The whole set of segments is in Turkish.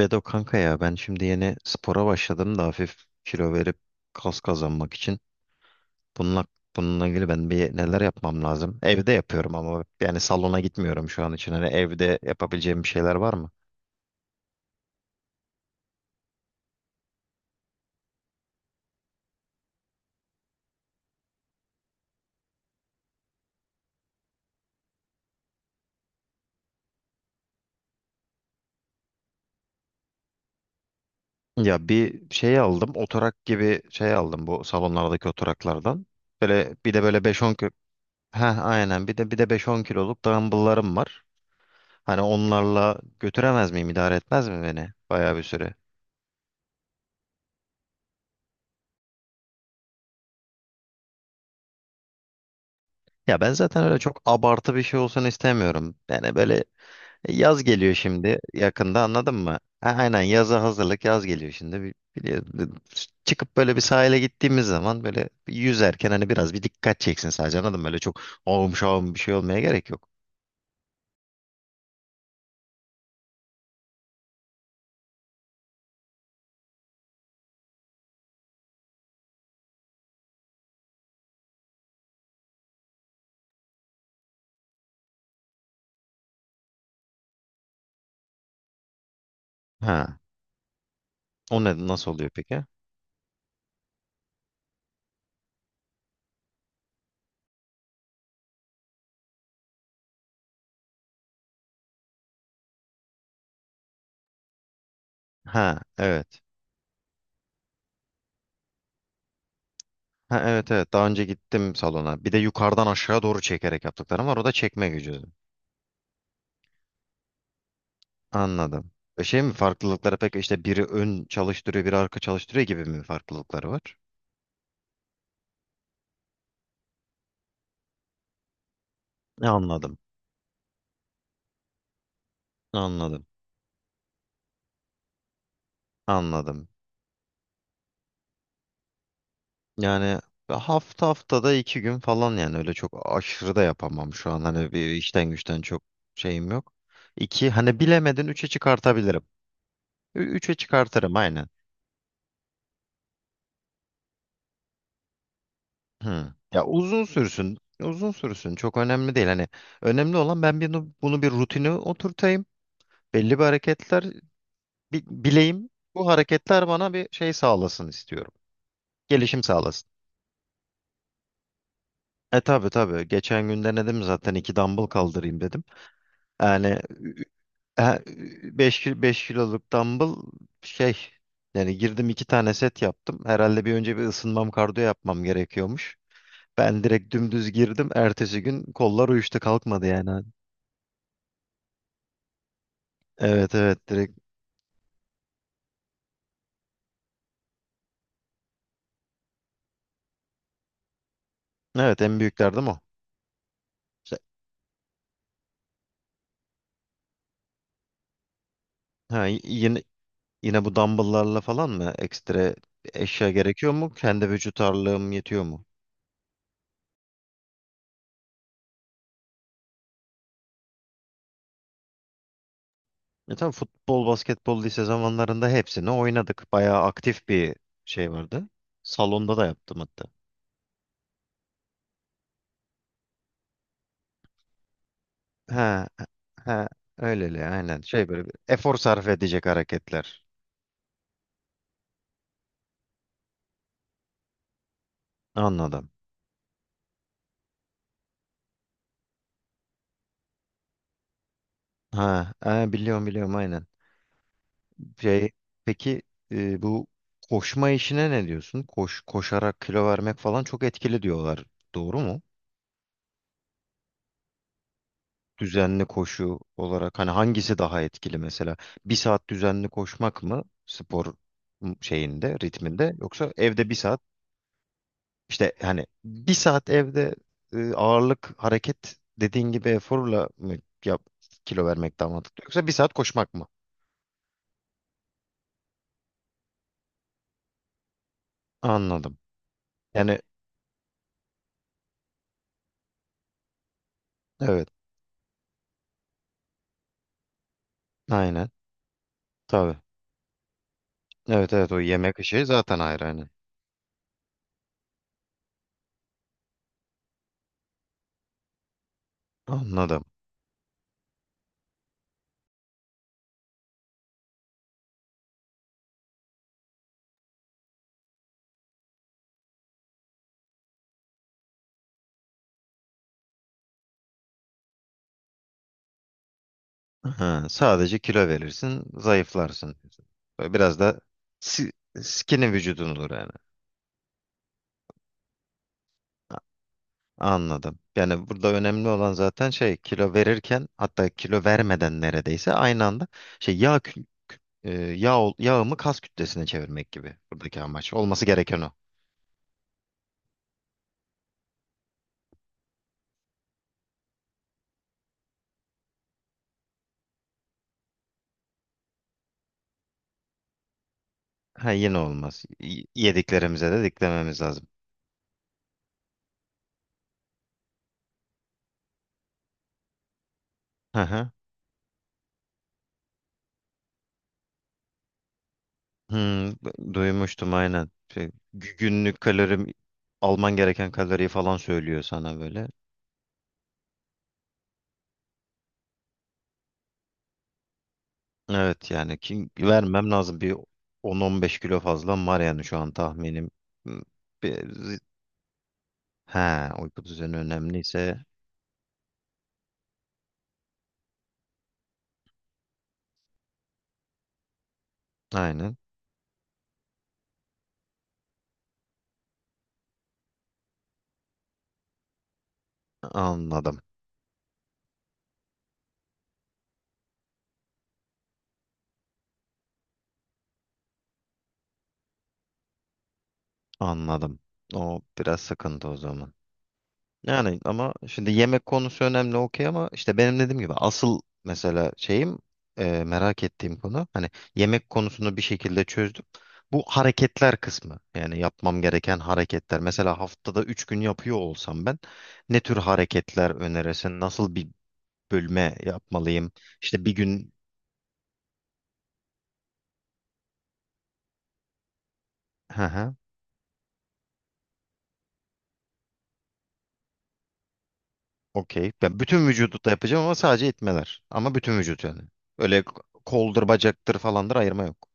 Bedo kanka ya ben şimdi yeni spora başladım da hafif kilo verip kas kazanmak için. Bununla, bununla ilgili ben bir neler yapmam lazım? Evde yapıyorum ama yani salona gitmiyorum şu an için. Hani evde yapabileceğim bir şeyler var mı? Ya bir şey aldım oturak gibi şey aldım bu salonlardaki oturaklardan. Böyle bir de böyle 5-10 kilo. Heh, aynen bir de 5-10 kiloluk dumbbell'larım var. Hani onlarla götüremez miyim, idare etmez mi beni bayağı bir süre? Ya ben zaten öyle çok abartı bir şey olsun istemiyorum. Yani böyle yaz geliyor şimdi yakında, anladın mı? Aynen, yaza hazırlık, yaz geliyor şimdi. Biliyorum. Çıkıp böyle bir sahile gittiğimiz zaman böyle yüzerken hani biraz bir dikkat çeksin sadece, anladın mı? Böyle çok ağım şağım bir şey olmaya gerek yok. Ha. O ne, nasıl oluyor peki? Ha, evet. Ha evet, evet, daha önce gittim salona. Bir de yukarıdan aşağı doğru çekerek yaptıklarım var. O da çekme gücü. Anladım. Şey mi, farklılıkları pek işte biri ön çalıştırıyor, biri arka çalıştırıyor gibi mi farklılıkları var? Anladım. Anladım. Anladım. Yani haftada 2 gün falan, yani öyle çok aşırı da yapamam şu an. Hani bir işten güçten çok şeyim yok. İki, hani bilemedin 3'e çıkartabilirim. Üçe çıkartırım aynen. Hı. Ya uzun sürsün. Uzun sürsün. Çok önemli değil. Hani önemli olan bunu bir rutine oturtayım. Belli bir hareketler bileyim, bu hareketler bana bir şey sağlasın istiyorum. Gelişim sağlasın. E tabii, tabi. Geçen gün denedim zaten, 2 dumbbell kaldırayım dedim. Yani 5 kiloluk dumbbell şey, yani girdim, iki tane set yaptım. Herhalde bir önce bir ısınmam, kardiyo yapmam gerekiyormuş. Ben direkt dümdüz girdim. Ertesi gün kollar uyuştu, kalkmadı yani. Evet, evet, direkt. Evet, en büyüklerdim o. İşte, ha, yine bu dumbbell'larla falan mı? Ekstra eşya gerekiyor mu? Kendi vücut ağırlığım yetiyor mu? E tabii, futbol, basketbol, lise zamanlarında hepsini oynadık. Bayağı aktif bir şey vardı. Salonda da yaptım hatta. Ha, ha, öyleli aynen. Şey, böyle bir efor sarf edecek hareketler. Anladım. Ha, ha, biliyorum biliyorum aynen. Şey, peki, bu koşma işine ne diyorsun? Koşarak kilo vermek falan çok etkili diyorlar. Doğru mu? Düzenli koşu olarak, hani hangisi daha etkili mesela? Bir saat düzenli koşmak mı spor şeyinde, ritminde, yoksa evde bir saat, işte hani bir saat evde ağırlık hareket dediğin gibi eforla mı yap, kilo vermek daha mantıklı, yoksa bir saat koşmak mı? Anladım. Yani evet, aynen, tabii. Evet evet, o yemek işi zaten ayrı hani. Anladım. Ha, sadece kilo verirsin, zayıflarsın. Böyle biraz da si- skinny vücudun olur yani. Anladım. Yani burada önemli olan zaten şey, kilo verirken hatta kilo vermeden neredeyse aynı anda şey, yağımı kas kütlesine çevirmek gibi, buradaki amaç. Olması gereken o. Ha, yine olmaz. Yediklerimize de diklememiz lazım. Hı hı. Hmm, duymuştum aynen. Şey, günlük kalorim, alman gereken kaloriyi falan söylüyor sana böyle. Evet yani ki vermem lazım, bir 10-15 kilo fazla var yani şu an tahminim. Hmm, bir- he, uyku düzeni önemliyse aynen, anladım. Anladım. O biraz sıkıntı o zaman. Yani ama şimdi yemek konusu önemli okey, ama işte benim dediğim gibi asıl mesela şeyim, merak ettiğim konu hani, yemek konusunu bir şekilde çözdüm. Bu hareketler kısmı, yani yapmam gereken hareketler. Mesela haftada 3 gün yapıyor olsam ben, ne tür hareketler önerirsin? Nasıl bir bölme yapmalıyım? İşte bir gün okey. Ben bütün vücudu da yapacağım ama sadece itmeler. Ama bütün vücut yani. Öyle koldur, bacaktır falandır ayırma yok.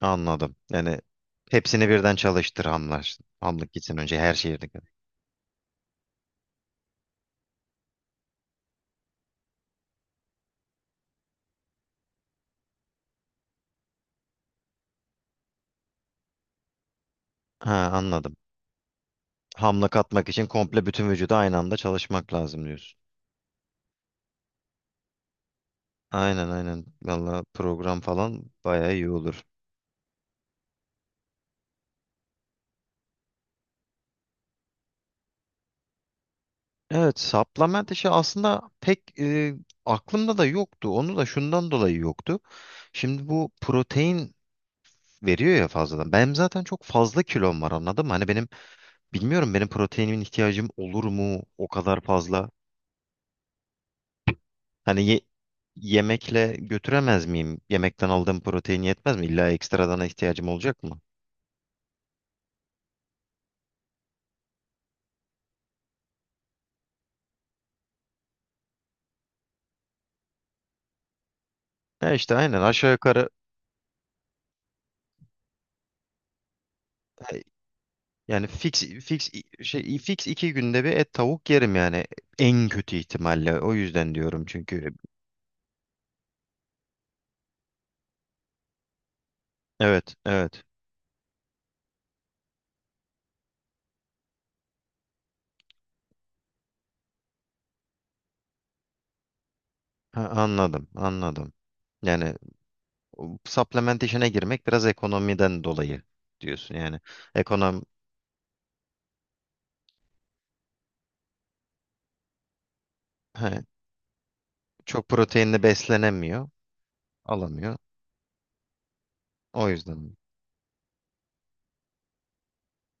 Anladım. Yani hepsini birden çalıştır hamlar. Hamlık gitsin önce her şeyi. Ha, anladım. Hamlık atmak için komple bütün vücudu aynı anda çalışmak lazım diyorsun. Aynen aynen. Valla program falan bayağı iyi olur. Evet, supplement işi aslında pek aklımda da yoktu. Onu da şundan dolayı yoktu. Şimdi bu protein veriyor ya fazladan. Benim zaten çok fazla kilom var, anladın mı? Hani benim bilmiyorum, benim proteinimin ihtiyacım olur mu o kadar fazla? Hani yemekle götüremez miyim? Yemekten aldığım protein yetmez mi? İlla ekstradan ihtiyacım olacak mı? Ya işte aynen aşağı yukarı, e, yani fix fix 2 günde bir et tavuk yerim yani, en kötü ihtimalle. O yüzden diyorum çünkü. Evet, evet. Ha, anladım, anladım. Yani Supplementation'a girmek biraz ekonomiden dolayı diyorsun yani. Ekonom, he, çok proteinli beslenemiyor, alamıyor. O yüzden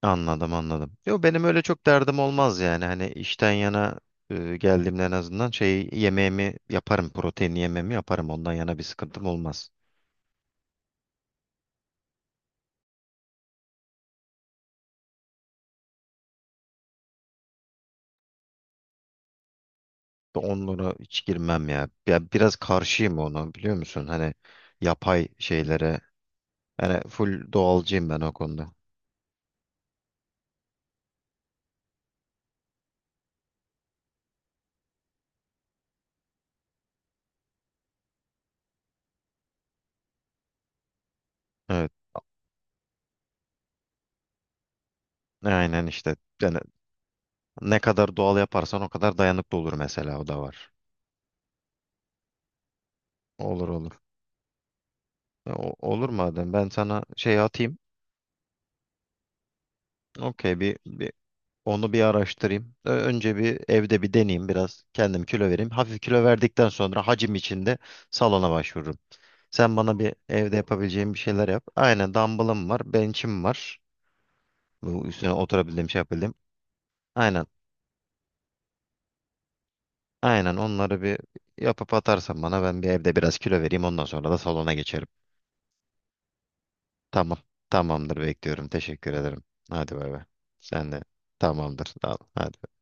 anladım, anladım. Yo, benim öyle çok derdim olmaz yani. Hani işten yana geldiğimde en azından şey, yemeğimi yaparım, proteinli yemeğimi yaparım. Ondan yana bir sıkıntım olmaz. Onlara hiç girmem ya. Ya biraz karşıyım ona, biliyor musun? Hani yapay şeylere. Yani full doğalcıyım ben o konuda. Evet. Aynen işte. Yani ne kadar doğal yaparsan o kadar dayanıklı olur mesela, o da var. Olur, olur. Olur madem, ben sana şey atayım. Okey bir onu bir araştırayım. Önce bir evde bir deneyeyim, biraz kendim kilo vereyim. Hafif kilo verdikten sonra hacim içinde salona başvururum. Sen bana bir evde yapabileceğim bir şeyler yap. Aynen, dumbbellım var, bench'im var. Bu üstüne oturabildiğim, şey yapabildiğim. Aynen. Aynen, onları bir yapıp atarsan bana, ben bir evde biraz kilo vereyim, ondan sonra da salona geçerim. Tamam. Tamamdır, bekliyorum. Teşekkür ederim. Hadi, bay bay. Sen de tamamdır. Al. Hadi.